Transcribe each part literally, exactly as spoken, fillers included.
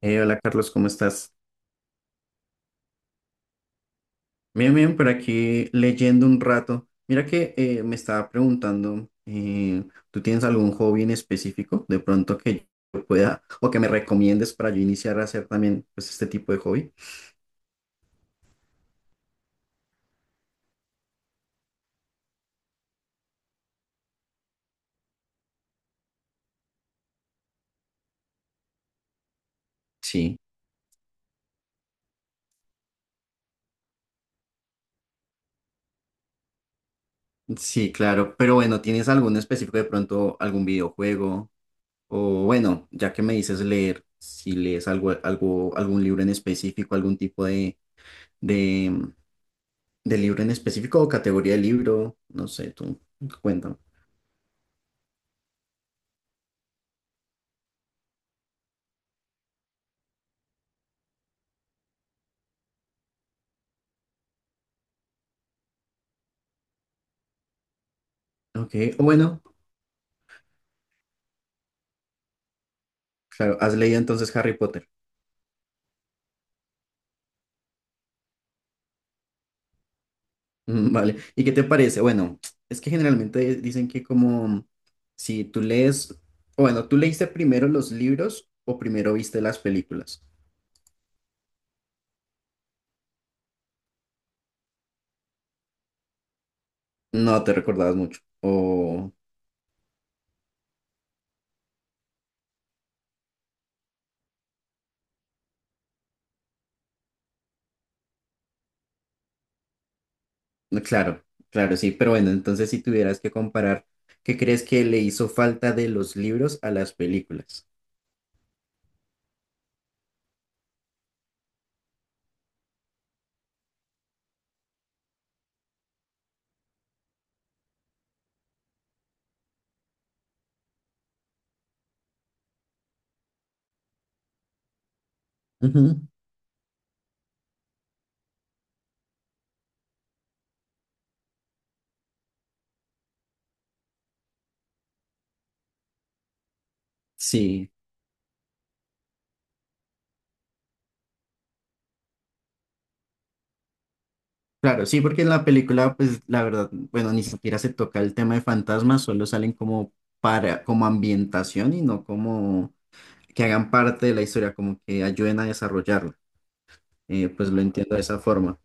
Eh, hola Carlos, ¿cómo estás? Bien, bien, por aquí leyendo un rato. Mira que eh, me estaba preguntando, eh, ¿tú tienes algún hobby en específico de pronto que yo pueda o que me recomiendes para yo iniciar a hacer también pues este tipo de hobby? Sí, sí, claro, pero bueno, ¿tienes algún específico de pronto algún videojuego? O bueno, ya que me dices leer, si lees algo, algo, algún libro en específico, algún tipo de, de, de libro en específico o categoría de libro, no sé, tú cuéntame. Ok, o bueno, claro, has leído entonces Harry Potter. Mm, vale, ¿y qué te parece? Bueno, es que generalmente dicen que como si tú lees, o bueno, tú leíste primero los libros o primero viste las películas. No te recordabas mucho. O, no, claro, claro, sí, pero bueno, entonces si tuvieras que comparar, ¿qué crees que le hizo falta de los libros a las películas? Ujú, sí. Claro, sí, porque en la película, pues la verdad, bueno, ni siquiera se toca el tema de fantasmas, solo salen como para, como ambientación y no como que hagan parte de la historia, como que ayuden a desarrollarla. Eh, pues lo entiendo de esa forma.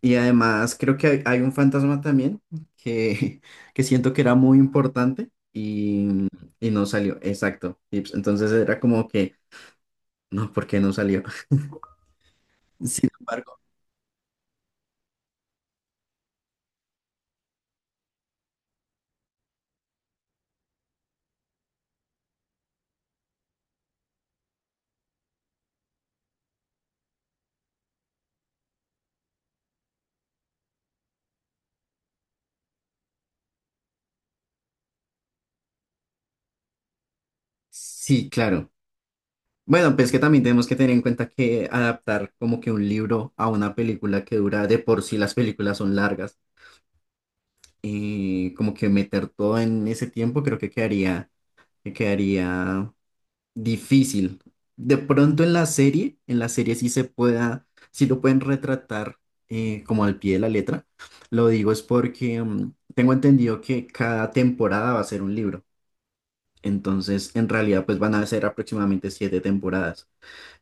Y además creo que hay, hay un fantasma también que, que siento que era muy importante y, y no salió, exacto. Y, pues, entonces era como que, no, ¿por qué no salió? Sin embargo, sí, claro. Bueno, pues que también tenemos que tener en cuenta que adaptar como que un libro a una película que dura de por sí las películas son largas y como que meter todo en ese tiempo creo que quedaría, que quedaría difícil. De pronto en la serie, en la serie sí se pueda, sí lo pueden retratar eh, como al pie de la letra. Lo digo es porque mm, tengo entendido que cada temporada va a ser un libro. Entonces, en realidad, pues van a ser aproximadamente siete temporadas.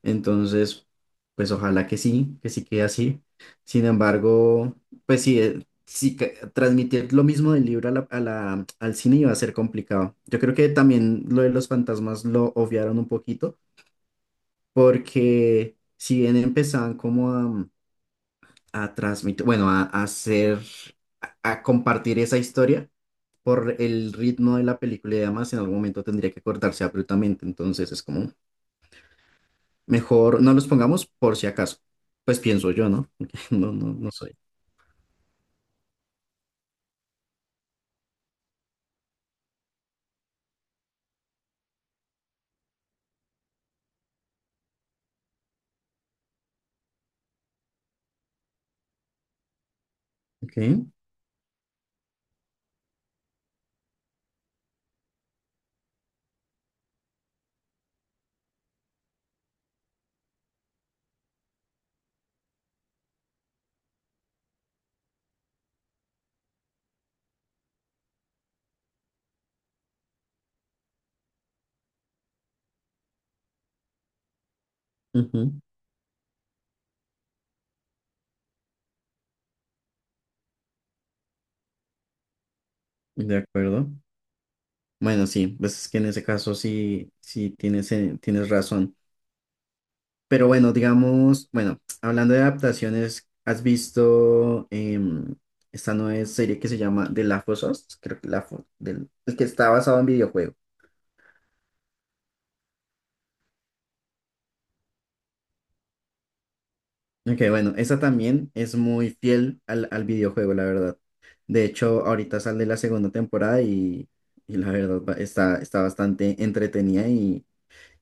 Entonces, pues ojalá que sí, que sí quede así. Sin embargo, pues sí, eh, sí que transmitir lo mismo del libro a la- a la- al cine iba a ser complicado. Yo creo que también lo de los fantasmas lo obviaron un poquito, porque si bien empezaban como a, a transmitir, bueno, a, a hacer, a, a compartir esa historia por el ritmo de la película y demás, en algún momento tendría que cortarse abruptamente. Entonces es como... Mejor no los pongamos por si acaso. Pues pienso yo, ¿no? No, no, no soy. Ok. Ujú, de acuerdo. Bueno, sí, pues es que en ese caso sí, sí tienes, eh, tienes razón. Pero bueno, digamos, bueno, hablando de adaptaciones, ¿has visto em, esta nueva serie que se llama The Last of Us? Creo que la, fo- del, el que está basado en videojuego. Ok, bueno, esa también es muy fiel al, al videojuego, la verdad. De hecho, ahorita sale la segunda temporada y, y la verdad va- está, está bastante entretenida y,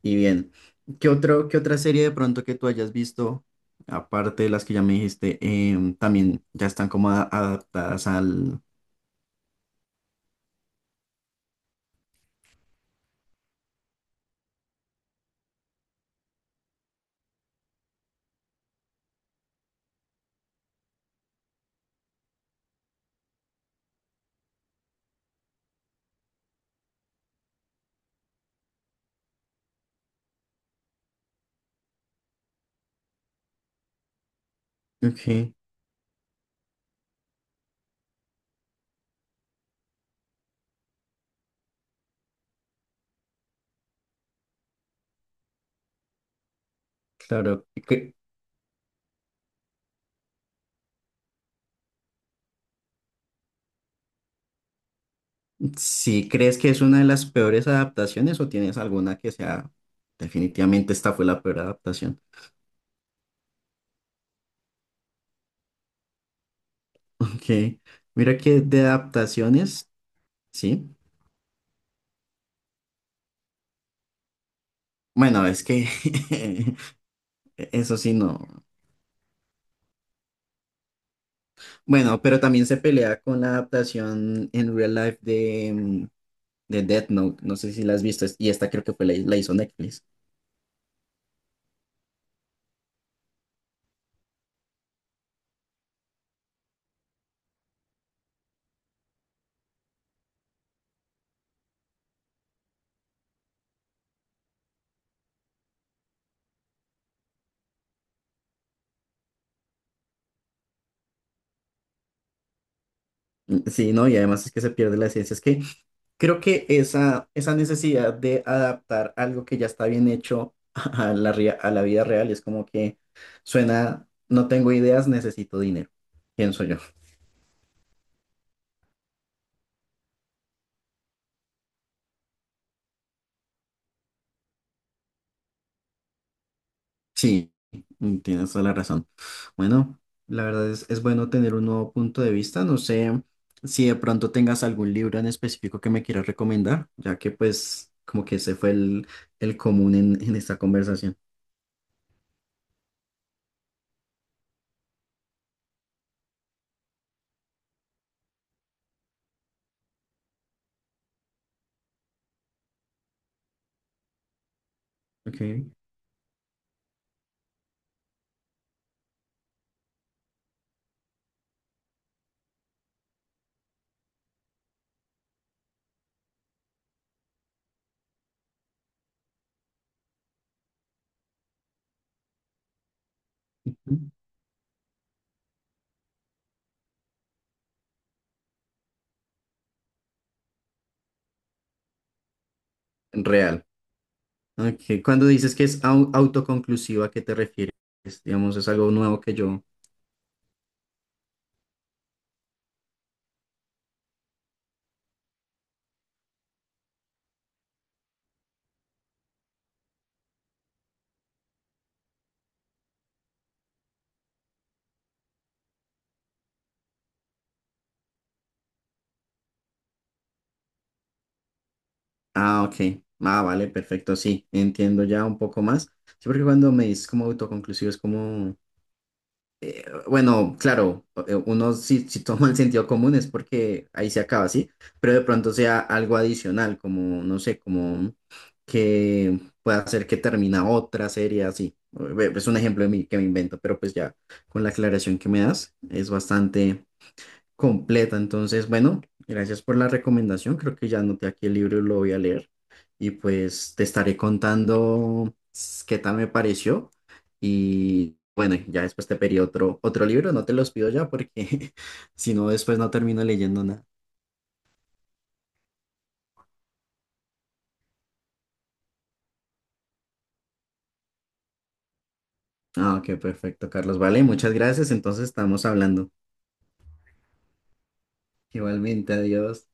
y bien. ¿Qué otro, qué otra serie de pronto que tú hayas visto, aparte de las que ya me dijiste, em, también ya están como a- adaptadas al... Ok, claro. ¿Qué- Si crees que es una de las peores adaptaciones o tienes alguna que sea, definitivamente esta fue la peor adaptación. Ok, mira que de adaptaciones, sí. Bueno, es que eso sí no. Bueno, pero también se pelea con la adaptación en real life de, mm, de Death Note. No sé si la has visto. es- Y esta creo que fue la, la hizo Netflix. Mm, sí, ¿no? Y además es que se pierde la esencia. Es que creo que esa, esa necesidad de adaptar algo que ya está bien hecho a la, rea- a la vida real es como que suena, no tengo ideas, necesito dinero. Pienso yo. Sí, mm, tienes toda la razón. Bueno, la verdad es, es bueno tener un nuevo punto de vista. No sé si de pronto tengas algún libro en específico que me quieras recomendar, ya que pues como que ese fue el, el común en, en esta conversación. Ok. Ujú. Real. Ok. Cuando dices que es au- autoconclusiva, ¿a qué te refieres? Digamos, es algo nuevo que yo... Ah, ok. Ah, vale, perfecto. Sí, entiendo ya un poco más. Sí, porque cuando me dices como autoconclusivo es como... Bueno, claro, eh, uno si, si toma el sentido común es porque ahí se acaba, ¿sí? Pero de pronto sea algo adicional, como, no sé, como que pueda hacer que termina otra serie así. Eh, Es un ejemplo de mí que me invento, pero pues ya con la aclaración que me das es bastante, completa. Entonces, bueno, gracias por la recomendación. Creo que ya anoté aquí el libro y lo voy a leer. Y pues te estaré contando s- qué tal me pareció. Y bueno, ya después te pedí otro, otro libro. No te los pido ya porque si no, después no termino leyendo nada. Ah, ok, perfecto, Carlos. Vale, muchas gracias. Entonces estamos hablando. Igualmente, adiós.